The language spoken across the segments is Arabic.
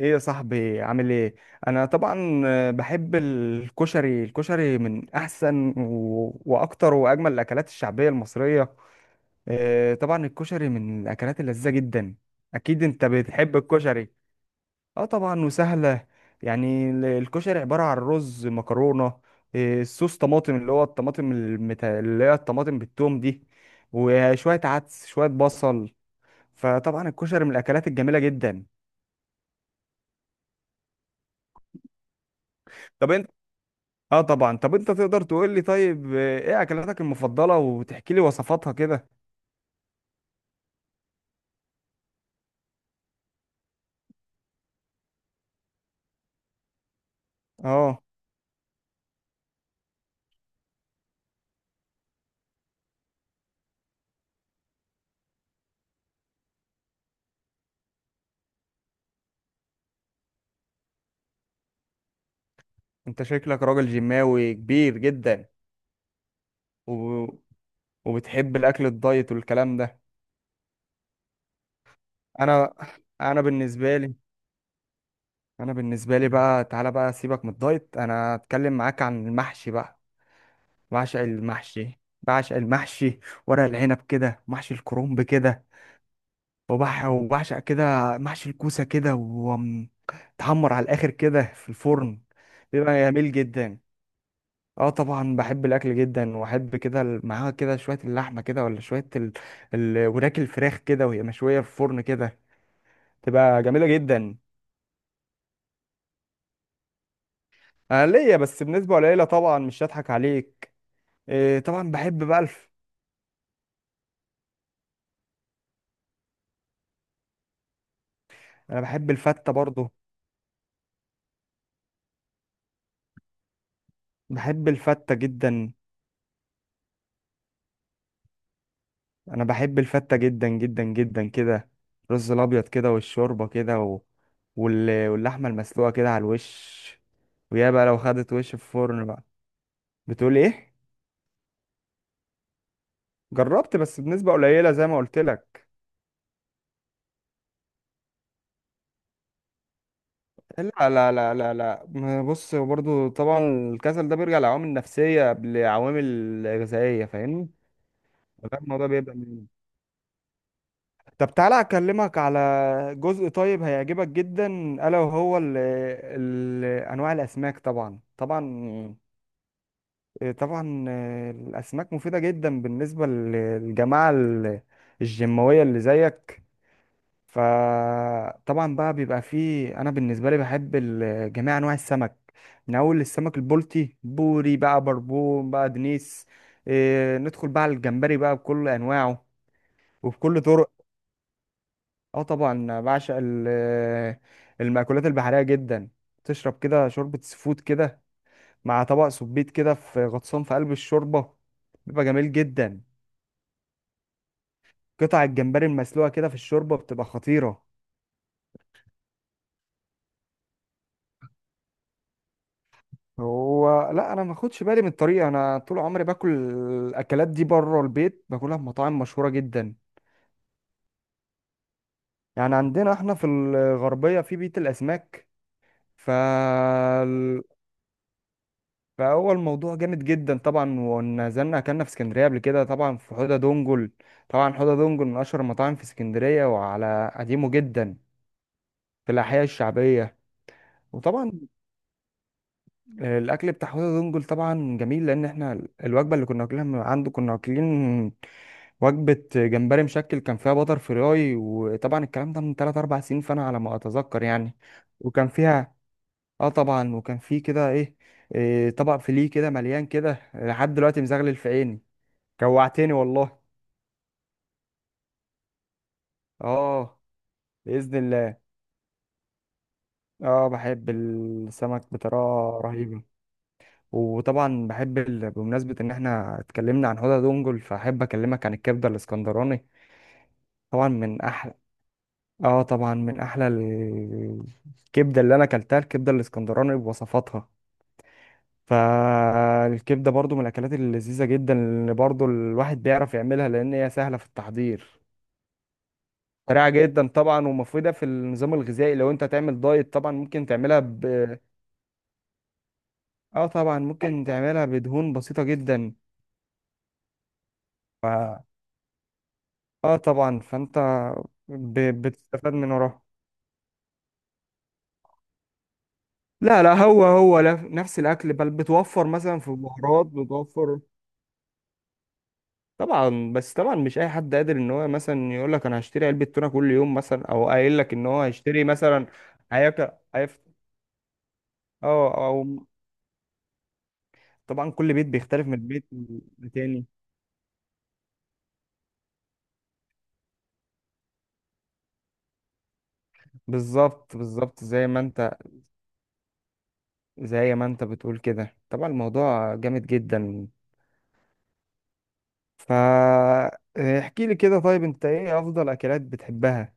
ايه يا صاحبي؟ عامل ايه؟ انا طبعا بحب الكشري. الكشري من احسن واكتر واجمل الاكلات الشعبيه المصريه. آه، طبعا الكشري من الاكلات اللذيذه جدا. اكيد، انت بتحب الكشري. اه، طبعا وسهله. يعني الكشري عباره عن رز مكرونه، آه، صوص طماطم، اللي هو الطماطم اللي هي الطماطم بالثوم دي، وشويه عدس، شويه بصل. فطبعا الكشري من الاكلات الجميله جدا. طب، اه، طبعا. طب انت تقدر تقول لي؟ طيب، ايه اكلاتك المفضله؟ وتحكي لي وصفاتها كده. اه، انت شكلك راجل جيماوي كبير جدا و... وبتحب الاكل الدايت والكلام ده؟ انا انا، بالنسبه لي بقى، تعالى بقى سيبك من الدايت، انا اتكلم معاك عن المحشي بقى. بعشق المحشي، بعشق المحشي. ورق العنب كده، محشي الكرنب كده، وبعشق كده محشي الكوسة كده، ومتحمر على الآخر كده في الفرن. بيبقى جميل جدا. اه، طبعا بحب الأكل جدا، وأحب كده معاها كده شوية اللحمة كده، ولا شوية وراك الفراخ كده، وهي مشوية في الفرن كده، تبقى جميلة جدا. أنا ليا بس بنسبة قليلة طبعا، مش هضحك عليك. إيه، طبعا بحب بقى. أنا بحب الفتة برضه. بحب الفتة جدا. انا بحب الفتة جدا جدا جدا كده. الرز الابيض كده، والشوربة كده، واللحمة المسلوقة كده على الوش. ويا بقى لو خدت وش في الفرن بقى. بتقول ايه؟ جربت، بس بنسبة قليلة زي ما قلت لك. لا، لا، لا، لا، لا، ما بص برضو طبعا. الكسل ده بيرجع لعوامل نفسية قبل عوامل غذائية، فاهمني؟ فده الموضوع بيبدأ من. طب، تعالى اكلمك على جزء طيب هيعجبك جدا. الا وهو ال انواع الاسماك. طبعا، طبعا. آه، طبعا، الاسماك مفيده جدا بالنسبه للجماعه الجيماويه اللي زيك. فطبعا بقى بيبقى فيه، انا بالنسبه لي بحب جميع انواع السمك، من اول السمك البلطي، بوري بقى، بربون بقى، دنيس. آه، ندخل بقى على الجمبري بقى، بكل انواعه وبكل طرق. اه، طبعا بعشق المأكولات البحريه جدا. تشرب كده شوربه سفود كده، مع طبق سبيت كده في غطسان في قلب الشوربه، بيبقى جميل جدا. قطع الجمبري المسلوقه كده في الشوربه بتبقى خطيره. هو لا، انا ما اخدش بالي من الطريقه. انا طول عمري باكل الاكلات دي بره البيت، باكلها في مطاعم مشهوره جدا. يعني عندنا احنا في الغربيه في بيت الاسماك. ف فهو الموضوع جامد جدا طبعا. ونزلنا اكلنا في اسكندريه قبل كده، طبعا في حوضه دونجل. طبعا حوضه دونجل من اشهر المطاعم في اسكندريه، وعلى قديمه جدا، في الاحياء الشعبيه. وطبعا الاكل بتاع حوضة دونجل طبعا جميل، لان احنا الوجبه اللي كنا واكلينها من عنده، كنا واكلين وجبه جمبري مشكل، كان فيها بطر فراي. وطبعا الكلام ده من 3 4 سنين، فانا على ما اتذكر يعني. وكان فيها، اه طبعا وكان فيه كده ايه، إيه طبق فيليه كده مليان كده، لحد دلوقتي مزغلل في عيني. جوعتني والله. اه، باذن الله. اه، بحب السمك بطريقه رهيبه. وطبعا بحب بمناسبة إن إحنا اتكلمنا عن هدى دونجل، فأحب أكلمك عن الكبدة الإسكندراني. طبعا من أحلى، طبعا من أحلى الكبدة اللي أنا أكلتها، الكبدة الإسكندراني بوصفاتها. فالكبدة برضو من الأكلات اللذيذة جدا، اللي برضو الواحد بيعرف يعملها لأن هي سهلة في التحضير. سريعة جدا طبعا، ومفيدة في النظام الغذائي. لو أنت تعمل دايت طبعا ممكن تعملها ب. طبعا ممكن تعملها بدهون بسيطة جدا. اه، طبعا فانت بتستفاد من وراها. لا، لا، هو نفس الاكل، بل بتوفر مثلا في البهارات، بتوفر. طبعا، بس طبعا مش اي حد قادر ان هو مثلا يقول لك انا هشتري علبه تونه كل يوم مثلا، او قايل لك ان هو هيشتري مثلا. هياكل هيف- اه او طبعا كل بيت بيختلف من البيت التاني. بالظبط، بالظبط، زي ما انت بتقول كده، طبعا الموضوع جامد جدا. فا احكي لي كده، طيب انت، ايه افضل اكلات بتحبها؟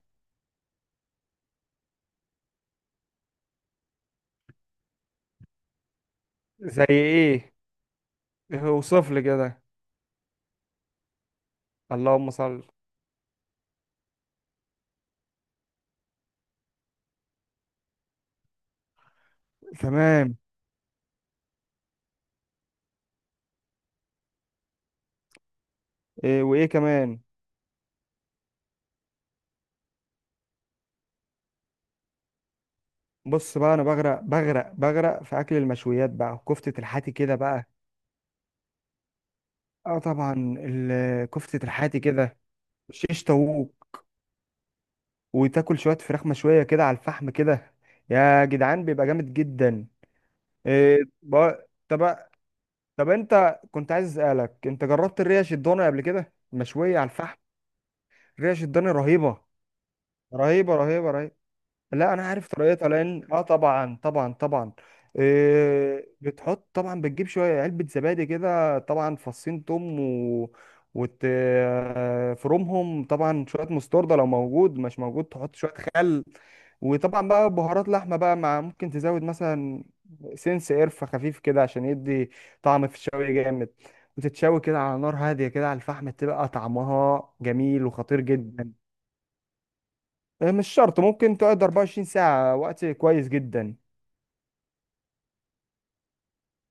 زي ايه؟ ايه، اوصف لي كده. اللهم صل. تمام. إيه، وايه كمان؟ بص بقى، انا بغرق، بغرق، بغرق في اكل المشويات بقى، كفتة الحاتي كده بقى. اه، طبعا كفتة الحاتي كده، شيش طاووق، وتاكل شوية فراخ مشوية كده على الفحم كده، يا جدعان بيبقى جامد جدا. إيه بقى. طب انت كنت عايز اسالك، انت جربت الريش الضاني قبل كده مشوية على الفحم؟ ريش الضاني رهيبة، رهيبة، رهيبة، رهيبة. لا، انا عارف طريقتها لان، طبعا، طبعا، طبعا. إيه، بتحط طبعا، بتجيب شويه، علبه زبادي كده طبعا، فصين توم و. وتفرمهم، طبعا شويه مستورده لو موجود، مش موجود تحط شويه خل. وطبعا بقى بهارات لحمه بقى، مع ممكن تزود مثلا سنس قرفه خفيف كده عشان يدي طعم في الشوي جامد. وتتشوي كده على نار هاديه كده على الفحم، تبقى طعمها جميل وخطير جدا. آه، مش شرط، ممكن تقعد 24 ساعة، وقت كويس جدا.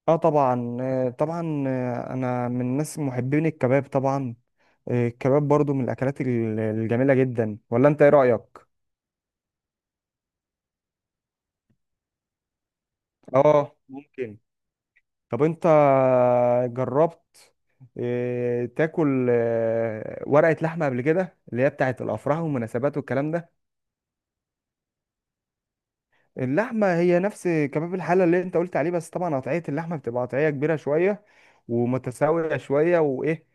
اه، طبعا، آه، طبعا، آه، انا من الناس محبين الكباب طبعا. آه، الكباب برضو من الاكلات الجميلة جدا، ولا انت ايه رأيك؟ اه، ممكن. طب انت جربت، تاكل ورقة لحمة قبل كده، اللي هي بتاعت الافراح والمناسبات والكلام ده؟ اللحمة هي نفس كباب الحلة اللي انت قلت عليه، بس طبعا قطعية اللحمة بتبقى قطعية كبيرة شوية، ومتساوية شوية، وايه،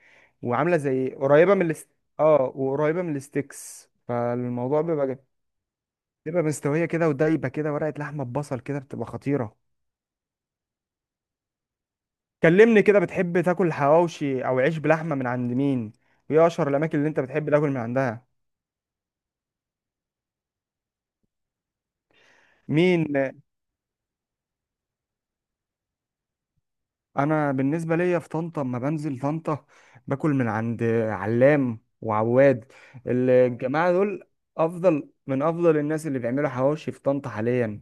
وعاملة زي قريبة من الاست... اه وقريبة من الستيكس، فالموضوع بيبقى جميل. بتبقى مستوية كده ودايبة كده، ورقة لحمة ببصل كده، بتبقى خطيرة. كلمني كده، بتحب تاكل حواوشي او عيش بلحمة من عند مين؟ وايه اشهر الاماكن اللي انت بتحب تاكل من عندها؟ مين؟ انا بالنسبه ليا، في طنطا اما بنزل طنطا باكل من عند علام وعواد. الجماعه دول، افضل من افضل الناس اللي بيعملوا حواوشي في طنطا حاليا.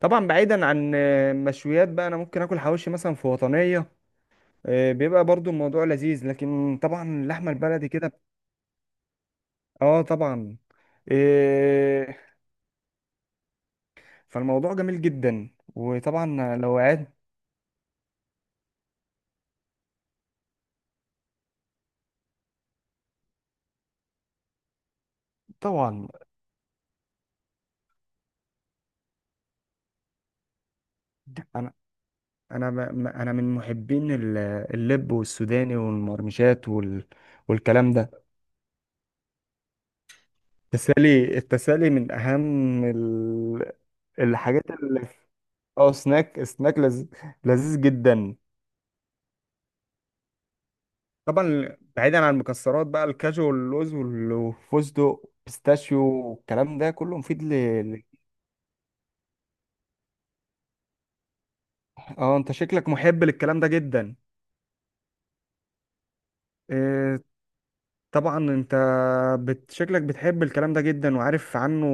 طبعا بعيدا عن مشويات بقى، انا ممكن اكل حواوشي مثلا في وطنيه. آه، بيبقى برضو الموضوع لذيذ، لكن طبعا اللحمه البلدي كده. اه، طبعا، آه، فالموضوع جميل جدا. وطبعا لو قعدت طبعا. انا انا ما ما- انا من محبين اللب والسوداني والمرمشات والكلام ده. التسالي من اهم الحاجات اللي في- اه سناك لذيذ جدا. طبعا بعيدا عن المكسرات بقى، الكاجو واللوز والفستق بيستاشيو والكلام ده كله مفيد ل- اه، انت شكلك محب للكلام ده جدا. آه، طبعا انت شكلك بتحب الكلام ده جدا وعارف عنه.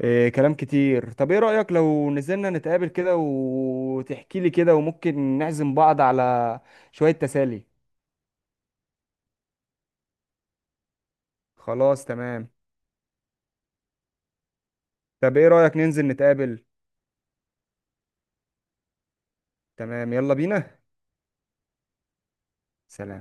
آه، كلام كتير. طب ايه رأيك لو نزلنا نتقابل كده، وتحكي لي كده، وممكن نعزم بعض على شوية تسالي؟ خلاص، تمام. طب ايه رأيك ننزل نتقابل؟ تمام، يلا بينا. سلام.